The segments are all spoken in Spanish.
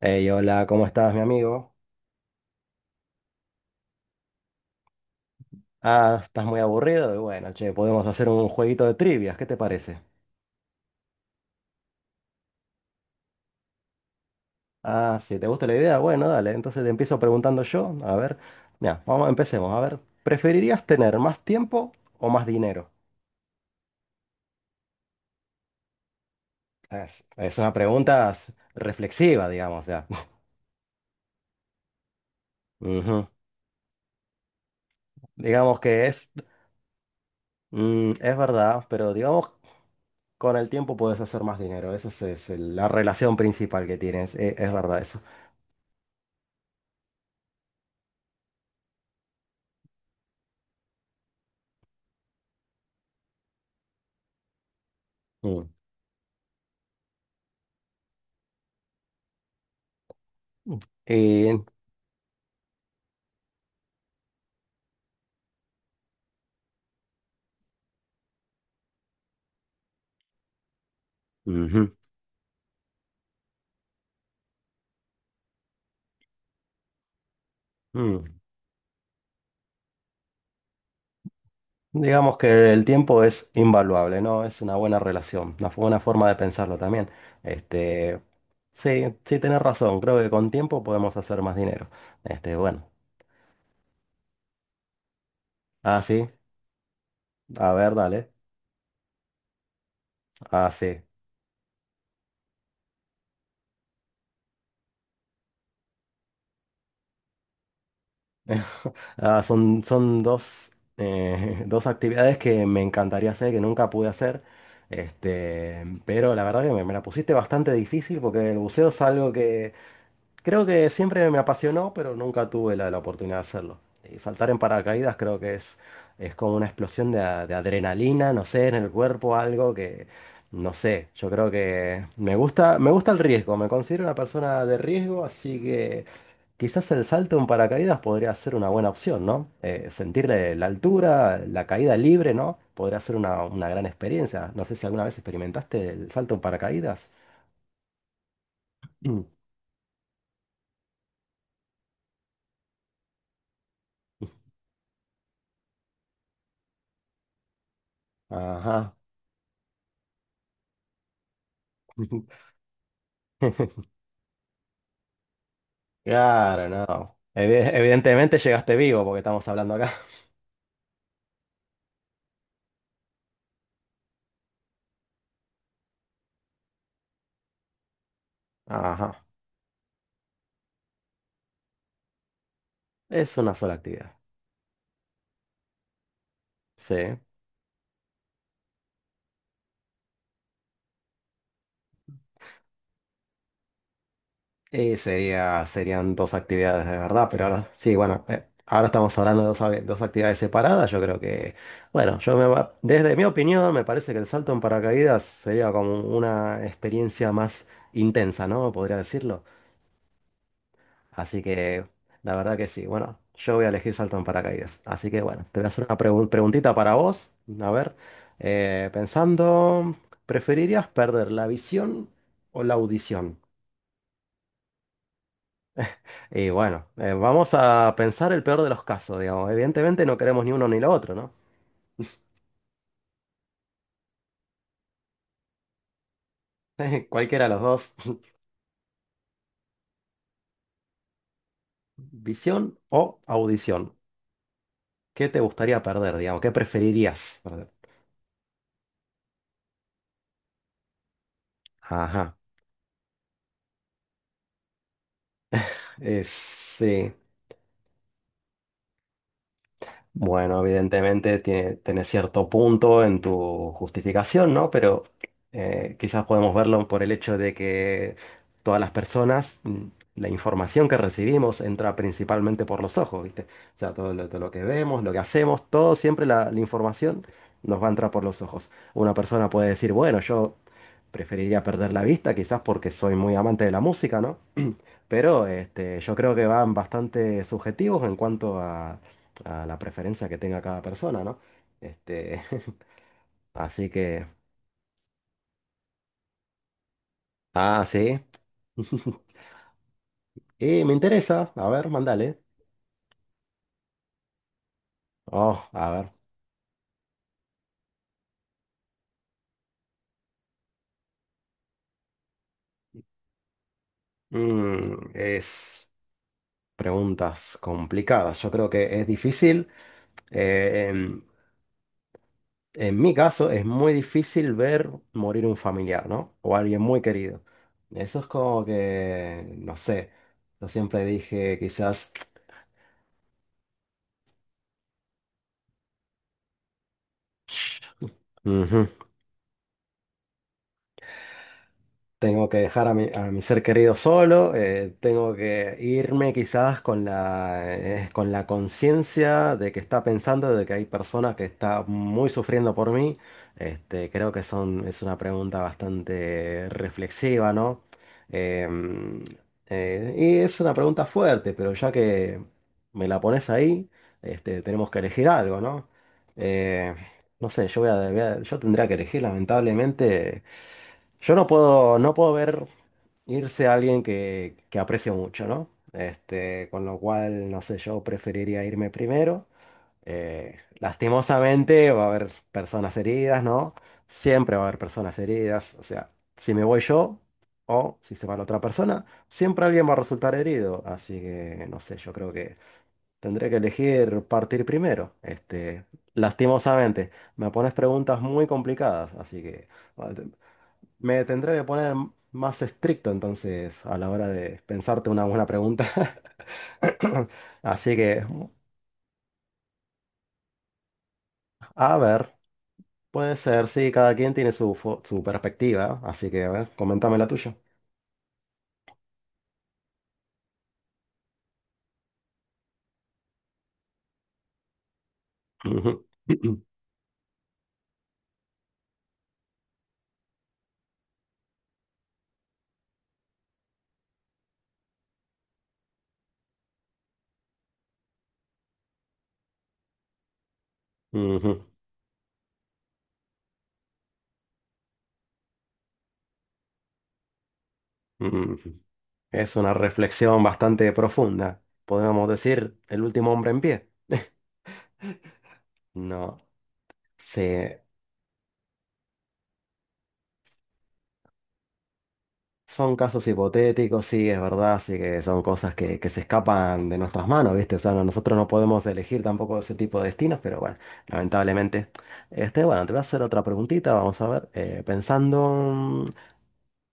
Hey, hola, ¿cómo estás, mi amigo? Ah, estás muy aburrido. Y bueno, che, podemos hacer un jueguito de trivias, ¿qué te parece? Ah, si te gusta la idea, bueno, dale. Entonces te empiezo preguntando yo. A ver, mira, vamos, empecemos. A ver, ¿preferirías tener más tiempo o más dinero? Es una pregunta reflexiva, digamos, ya. Ujú. Digamos que es, mm, es verdad, pero digamos, con el tiempo puedes hacer más dinero. Esa es la relación principal que tienes. Es, verdad eso. Mm. Y- ujú. Mm. Digamos que el tiempo es invaluable, ¿no? Es una buena relación, una buena forma de pensarlo también. Este, sí, sí, tenés razón. Creo que con tiempo podemos hacer más dinero. Este, bueno. Ah, sí. A ver, dale. Ah, sí. Ah, son, dos actividades que me encantaría hacer, que nunca pude hacer. Este, pero la verdad que me la pusiste bastante difícil porque el buceo es algo. Creo que siempre me apasionó, pero nunca tuve la oportunidad de hacerlo. Y saltar en paracaídas creo que es como una explosión de, de adrenalina, no sé, en el cuerpo, algo que, no sé, yo creo que me gusta el riesgo, me considero una persona de riesgo, así que quizás el salto en paracaídas podría ser una buena opción, ¿no? Sentir la altura, la caída libre, ¿no? Podría ser una gran experiencia. No sé si alguna vez experimentaste el salto en paracaídas. Ajá. Claro, no. Evidentemente llegaste vivo porque estamos hablando acá. Ajá. Es una sola actividad. Sí. Y sería, serían dos actividades de verdad, pero ahora sí, bueno, ahora estamos hablando de dos, dos actividades separadas. Yo creo que, bueno, desde mi opinión me parece que el salto en paracaídas sería como una experiencia más intensa, ¿no? Podría decirlo. Así que la verdad que sí. Bueno, yo voy a elegir salto en paracaídas. Así que bueno, te voy a hacer una preguntita para vos. A ver, pensando, ¿preferirías perder la visión o la audición? Y bueno, vamos a pensar el peor de los casos, digamos. Evidentemente no queremos ni uno ni lo otro, ¿no? Cualquiera de los dos, visión o audición. ¿Qué te gustaría perder, digamos? ¿Qué preferirías perder? Ajá. Sí. Bueno, evidentemente tenés cierto punto en tu justificación, ¿no? Pero quizás podemos verlo por el hecho de que todas las personas, mm, la información que recibimos entra principalmente por los ojos, ¿viste? O sea, todo lo que vemos, lo que hacemos, todo siempre la información nos va a entrar por los ojos. Una persona puede decir, bueno, yo preferiría perder la vista, quizás porque soy muy amante de la música, ¿no? Pero este, yo creo que van bastante subjetivos en cuanto a la preferencia que tenga cada persona, ¿no? Este, así que, ah, sí. Y me interesa, a ver, mandale. Oh, a ver. Mm, es preguntas complicadas. Yo creo que es difícil. En en, mi caso, es muy difícil ver morir un familiar, ¿no? O alguien muy querido. Eso es como que, no sé. Yo siempre dije, quizás. Ujú. Tengo que dejar a a mi ser querido solo, tengo que irme quizás con con la conciencia de que está pensando, de que hay personas que están muy sufriendo por mí. Este, es una pregunta bastante reflexiva, ¿no? Em, y es una pregunta fuerte, pero ya que me la pones ahí, este, tenemos que elegir algo, ¿no? Eh, no sé, yo voy a, voy a- yo tendría que elegir lamentablemente. Yo no puedo, No puedo ver irse a alguien que aprecio mucho, ¿no? Este, con lo cual, no sé, yo preferiría irme primero. Lastimosamente va a haber personas heridas, ¿no? Siempre va a haber personas heridas. O sea, si me voy yo o si se va la otra persona, siempre alguien va a resultar herido. Así que, no sé, yo creo que tendré que elegir partir primero. Este, lastimosamente, me pones preguntas muy complicadas, así que... Me tendré que poner más estricto entonces a la hora de pensarte una buena pregunta. Así que, a ver, puede ser, sí, cada quien tiene su perspectiva, así que, a ver, coméntame la tuya. Ujú, ujú, ujú. Es una reflexión bastante profunda. Podríamos decir, el último hombre en pie. No, sí. Son casos hipotéticos, sí, es verdad, sí que son cosas que se escapan de nuestras manos, ¿viste? O sea, nosotros no podemos elegir tampoco ese tipo de destinos, pero bueno, lamentablemente. Este, bueno, te voy a hacer otra preguntita, vamos a ver. Eh, pensando, mm,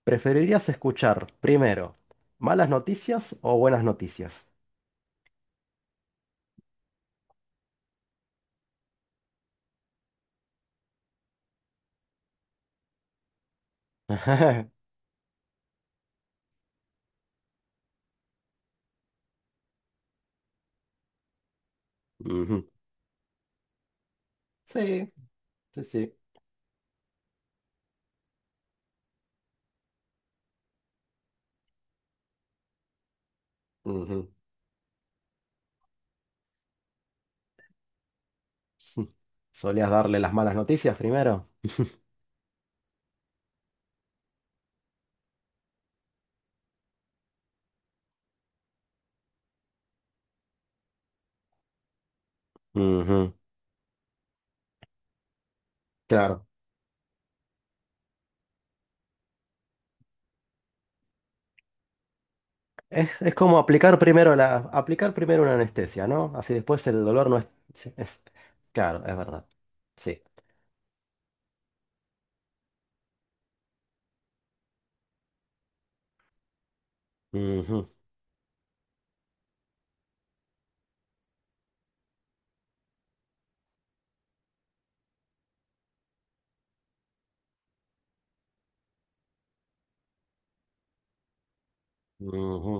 ¿preferirías escuchar primero malas noticias o buenas noticias? Ujú. Sí, sí, sí. Ujú. Sí. ¿Solías darle las malas noticias primero? Ujú. Claro. Es como aplicar primero aplicar primero una anestesia, ¿no? Así después el dolor no es, sí, claro, es verdad. Sí. Ujú, ujú.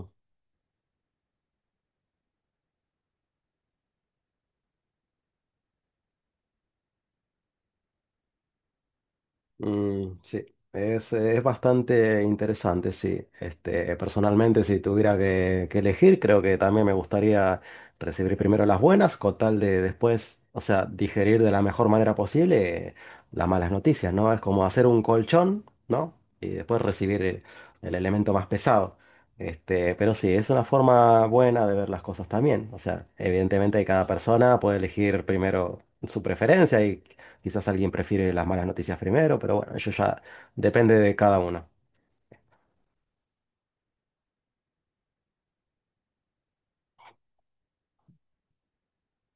Mm, sí, es bastante interesante, sí. Este, personalmente, si tuviera que elegir, creo que también me gustaría recibir primero las buenas, con tal de después, o sea, digerir de la mejor manera posible las malas noticias, ¿no? Es como hacer un colchón, ¿no? Y después recibir el elemento más pesado. Este, pero sí, es una forma buena de ver las cosas también. O sea, evidentemente cada persona puede elegir primero su preferencia y... Quizás alguien prefiere las malas noticias primero, pero bueno, eso ya depende de cada uno.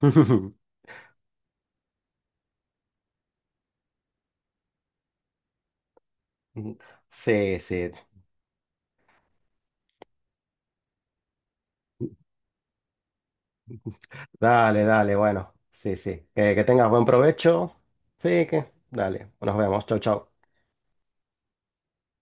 Sí, sí. Dale, dale, bueno. Sí, sí. Que tengas buen provecho. Sí, que. Dale. Nos vemos. Chau, chau.